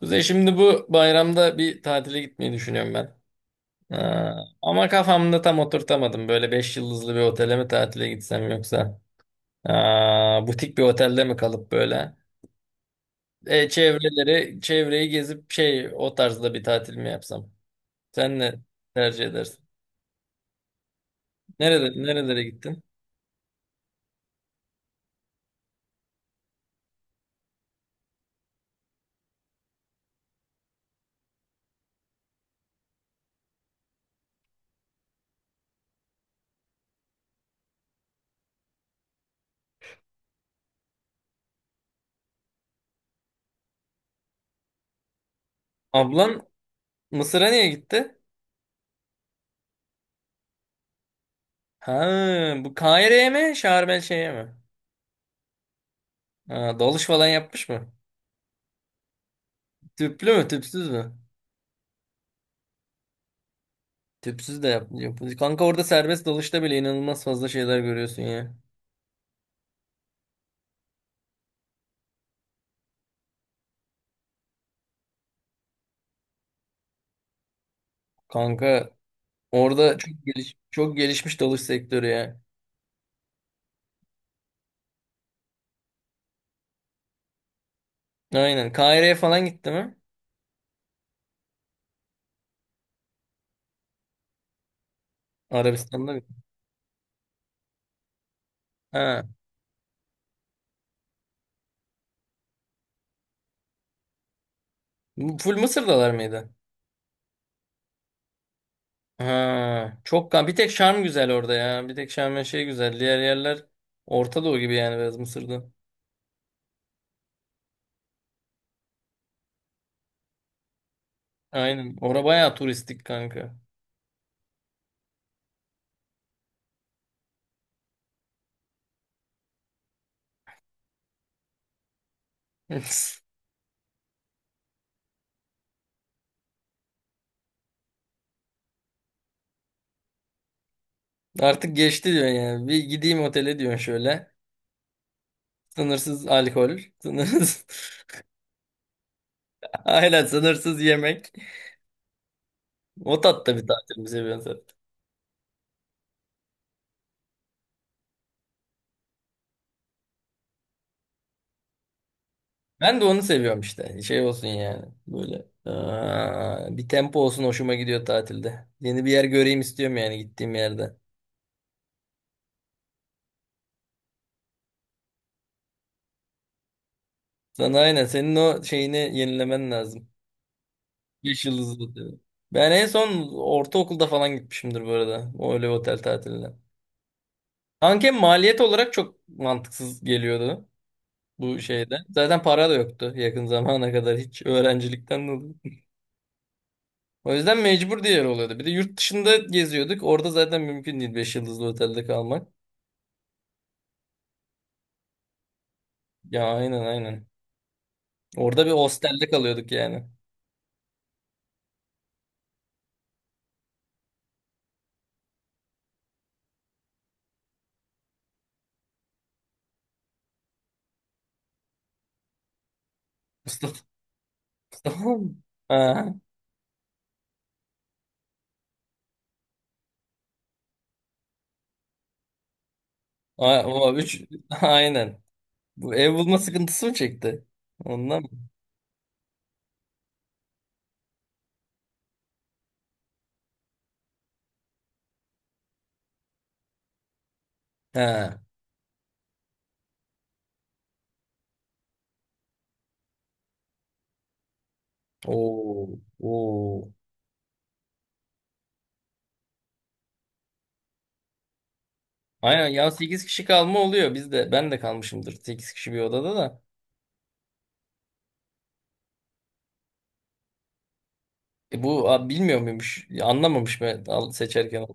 Kuzey şimdi bu bayramda bir tatile gitmeyi düşünüyorum ben. Ee, Ama kafamda tam oturtamadım. Böyle 5 yıldızlı bir otele mi tatile gitsem yoksa butik bir otelde mi kalıp böyle çevreyi gezip şey o tarzda bir tatil mi yapsam? Sen ne tercih edersin? Nerede nerelere gittin? Ablan Mısır'a niye gitti? Ha, bu Kahire'ye mi? Şarm El Şeyh'e mi? Ha, dalış falan yapmış mı? Tüplü mü, tüpsüz mü? Tüpsüz de Kanka orada serbest dalışta bile inanılmaz fazla şeyler görüyorsun ya. Kanka orada çok gelişmiş dalış sektörü ya. Aynen. Kahire'ye falan gitti mi? Arabistan'da mı? Ha. Bu full Mısır'dalar mıydı? Ha. Çok kan. Bir tek Şarm güzel orada ya. Bir tek Şarm ve şey güzel. Diğer yerler Orta Doğu gibi yani biraz Mısır'da. Aynen. Orada bayağı turistik kanka. Artık geçti diyor yani. Bir gideyim otele diyorsun şöyle. Sınırsız alkol. Sınırsız. Aynen sınırsız yemek. O tatta bir tatil mi seviyorsun sen? Ben de onu seviyorum işte. Şey olsun yani. Böyle. Aa, bir tempo olsun hoşuma gidiyor tatilde. Yeni bir yer göreyim istiyorum yani gittiğim yerde. Sana aynen senin o şeyini yenilemen lazım. Beş yıldızlı otel. Ben en son ortaokulda falan gitmişimdir bu arada. O öyle bir otel tatiline. Anken maliyet olarak çok mantıksız geliyordu bu şeyde. Zaten para da yoktu yakın zamana kadar hiç öğrencilikten dolayı. O yüzden mecbur diğer oluyordu. Bir de yurt dışında geziyorduk. Orada zaten mümkün değil 5 yıldızlı otelde kalmak. Ya, aynen aynen. Orada bir hostelde kalıyorduk yani. Mustafa, Mustafa mı? Ha. O üç. Aynen. Bu ev bulma sıkıntısı mı çekti? Ondan mı? Ha. Oo. Oo. Aynen ya, 8 kişi kalma oluyor. Biz de ben de kalmışımdır 8 kişi bir odada da. E bu abi, bilmiyor muymuş? Ya, anlamamış mı seçerken?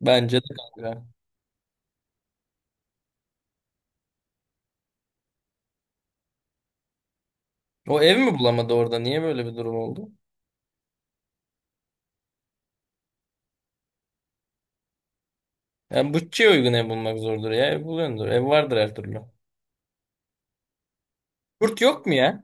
Bence de kanka. O ev mi bulamadı orada? Niye böyle bir durum oldu? Yani bütçeye uygun ev bulmak zordur ya. Ev buluyordur. Ev vardır her türlü. Yurt yok mu ya?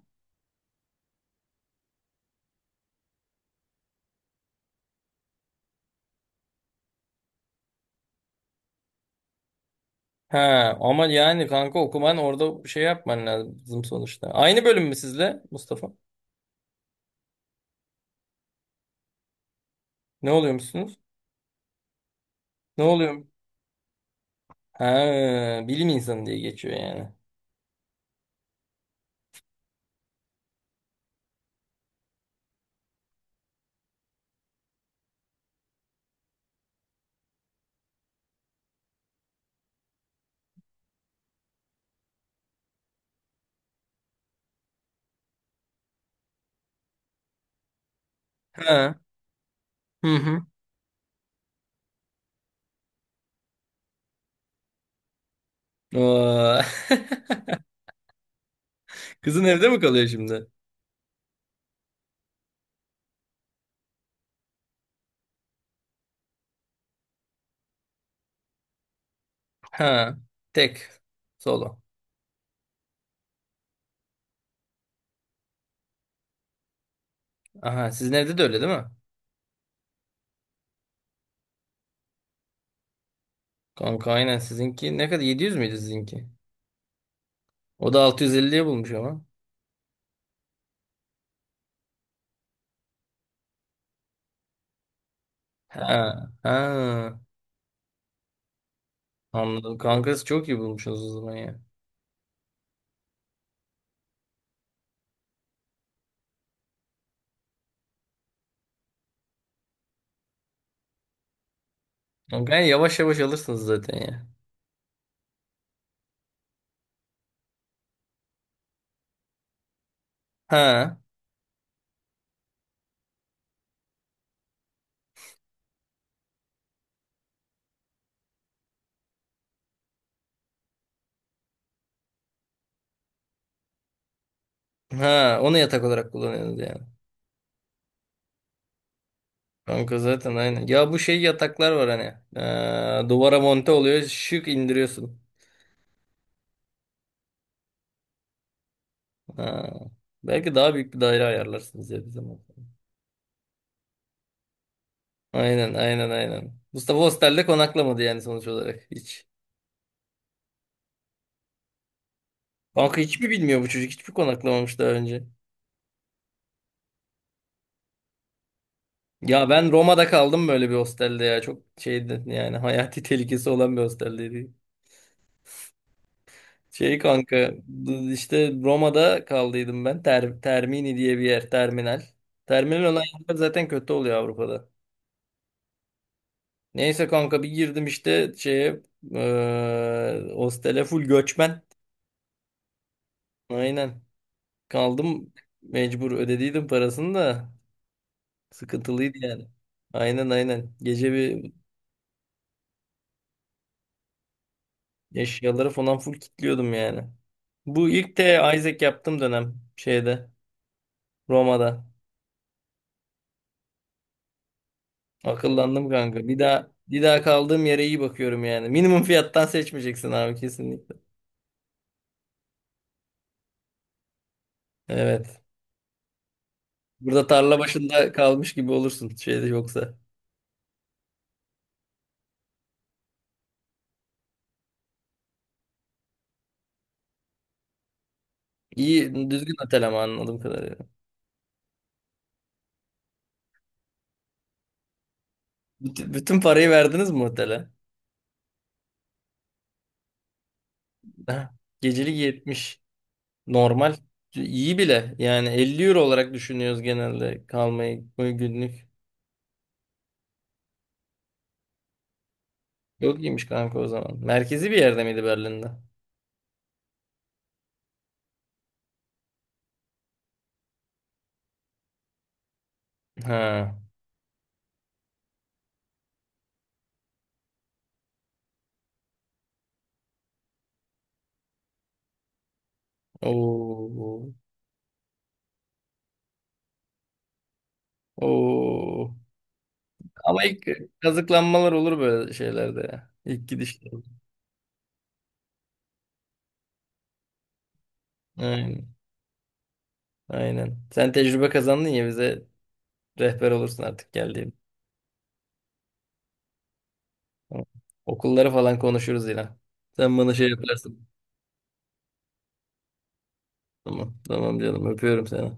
Ha, ama yani kanka okuman orada bir şey yapman lazım sonuçta. Aynı bölüm mü sizle Mustafa? Ne oluyor musunuz Ne oluyor? Ha, bilim insanı diye geçiyor yani. Ha. Hı hı. Oo. Kızın evde mi kalıyor şimdi? Ha. Tek. Solo. Aha, sizin evde de öyle değil mi? Kanka aynen sizinki ne kadar, 700 müydü sizinki? O da 650'ye bulmuş ama. Ha. Ha. Anladım. Kankası çok iyi bulmuşsunuz o zaman ya. Kankayı yavaş yavaş alırsınız zaten ya. Ha. Ha. Onu yatak olarak kullanıyorsunuz yani. Kanka zaten aynen. Ya bu şey yataklar var hani. Duvara monte oluyor. Şık indiriyorsun. Ha. Belki daha büyük bir daire ayarlarsınız ya bir zaman. Aynen aynen aynen. Mustafa hostelde konaklamadı yani sonuç olarak hiç. Kanka hiçbir bilmiyor bu çocuk. Hiçbir konaklamamış daha önce. Ya ben Roma'da kaldım böyle bir hostelde ya. Çok şeydi yani, hayati tehlikesi olan bir hosteldeydi. Şey kanka işte Roma'da kaldıydım ben. Termini diye bir yer terminal. Terminal olan yerler zaten kötü oluyor Avrupa'da. Neyse kanka bir girdim işte şeye, hostele full göçmen. Aynen. Kaldım mecbur, ödediydim parasını da sıkıntılıydı yani. Aynen aynen. Gece bir eşyaları falan full kilitliyordum yani. Bu ilk de Isaac yaptığım dönem şeyde Roma'da. Akıllandım kanka. Bir daha bir daha kaldığım yere iyi bakıyorum yani. Minimum fiyattan seçmeyeceksin abi kesinlikle. Evet. Burada tarla başında kalmış gibi olursun şeyde yoksa. İyi düzgün otel ama anladığım kadarıyla. Bütün parayı verdiniz mi otele? Heh, gecelik 70. Normal. İyi bile. Yani 50 euro olarak düşünüyoruz genelde kalmayı günlük. Yok iyiymiş kanka o zaman. Merkezi bir yerde miydi Berlin'de? Ha. Oo. Oo. Ama ilk kazıklanmalar olur böyle şeylerde ya. İlk gidişte. Aynen. Aynen. Sen tecrübe kazandın ya, bize rehber olursun artık geldiğim. Tamam. Okulları falan konuşuruz yine. Sen bana şey yaparsın. Tamam. Tamam canım, öpüyorum seni.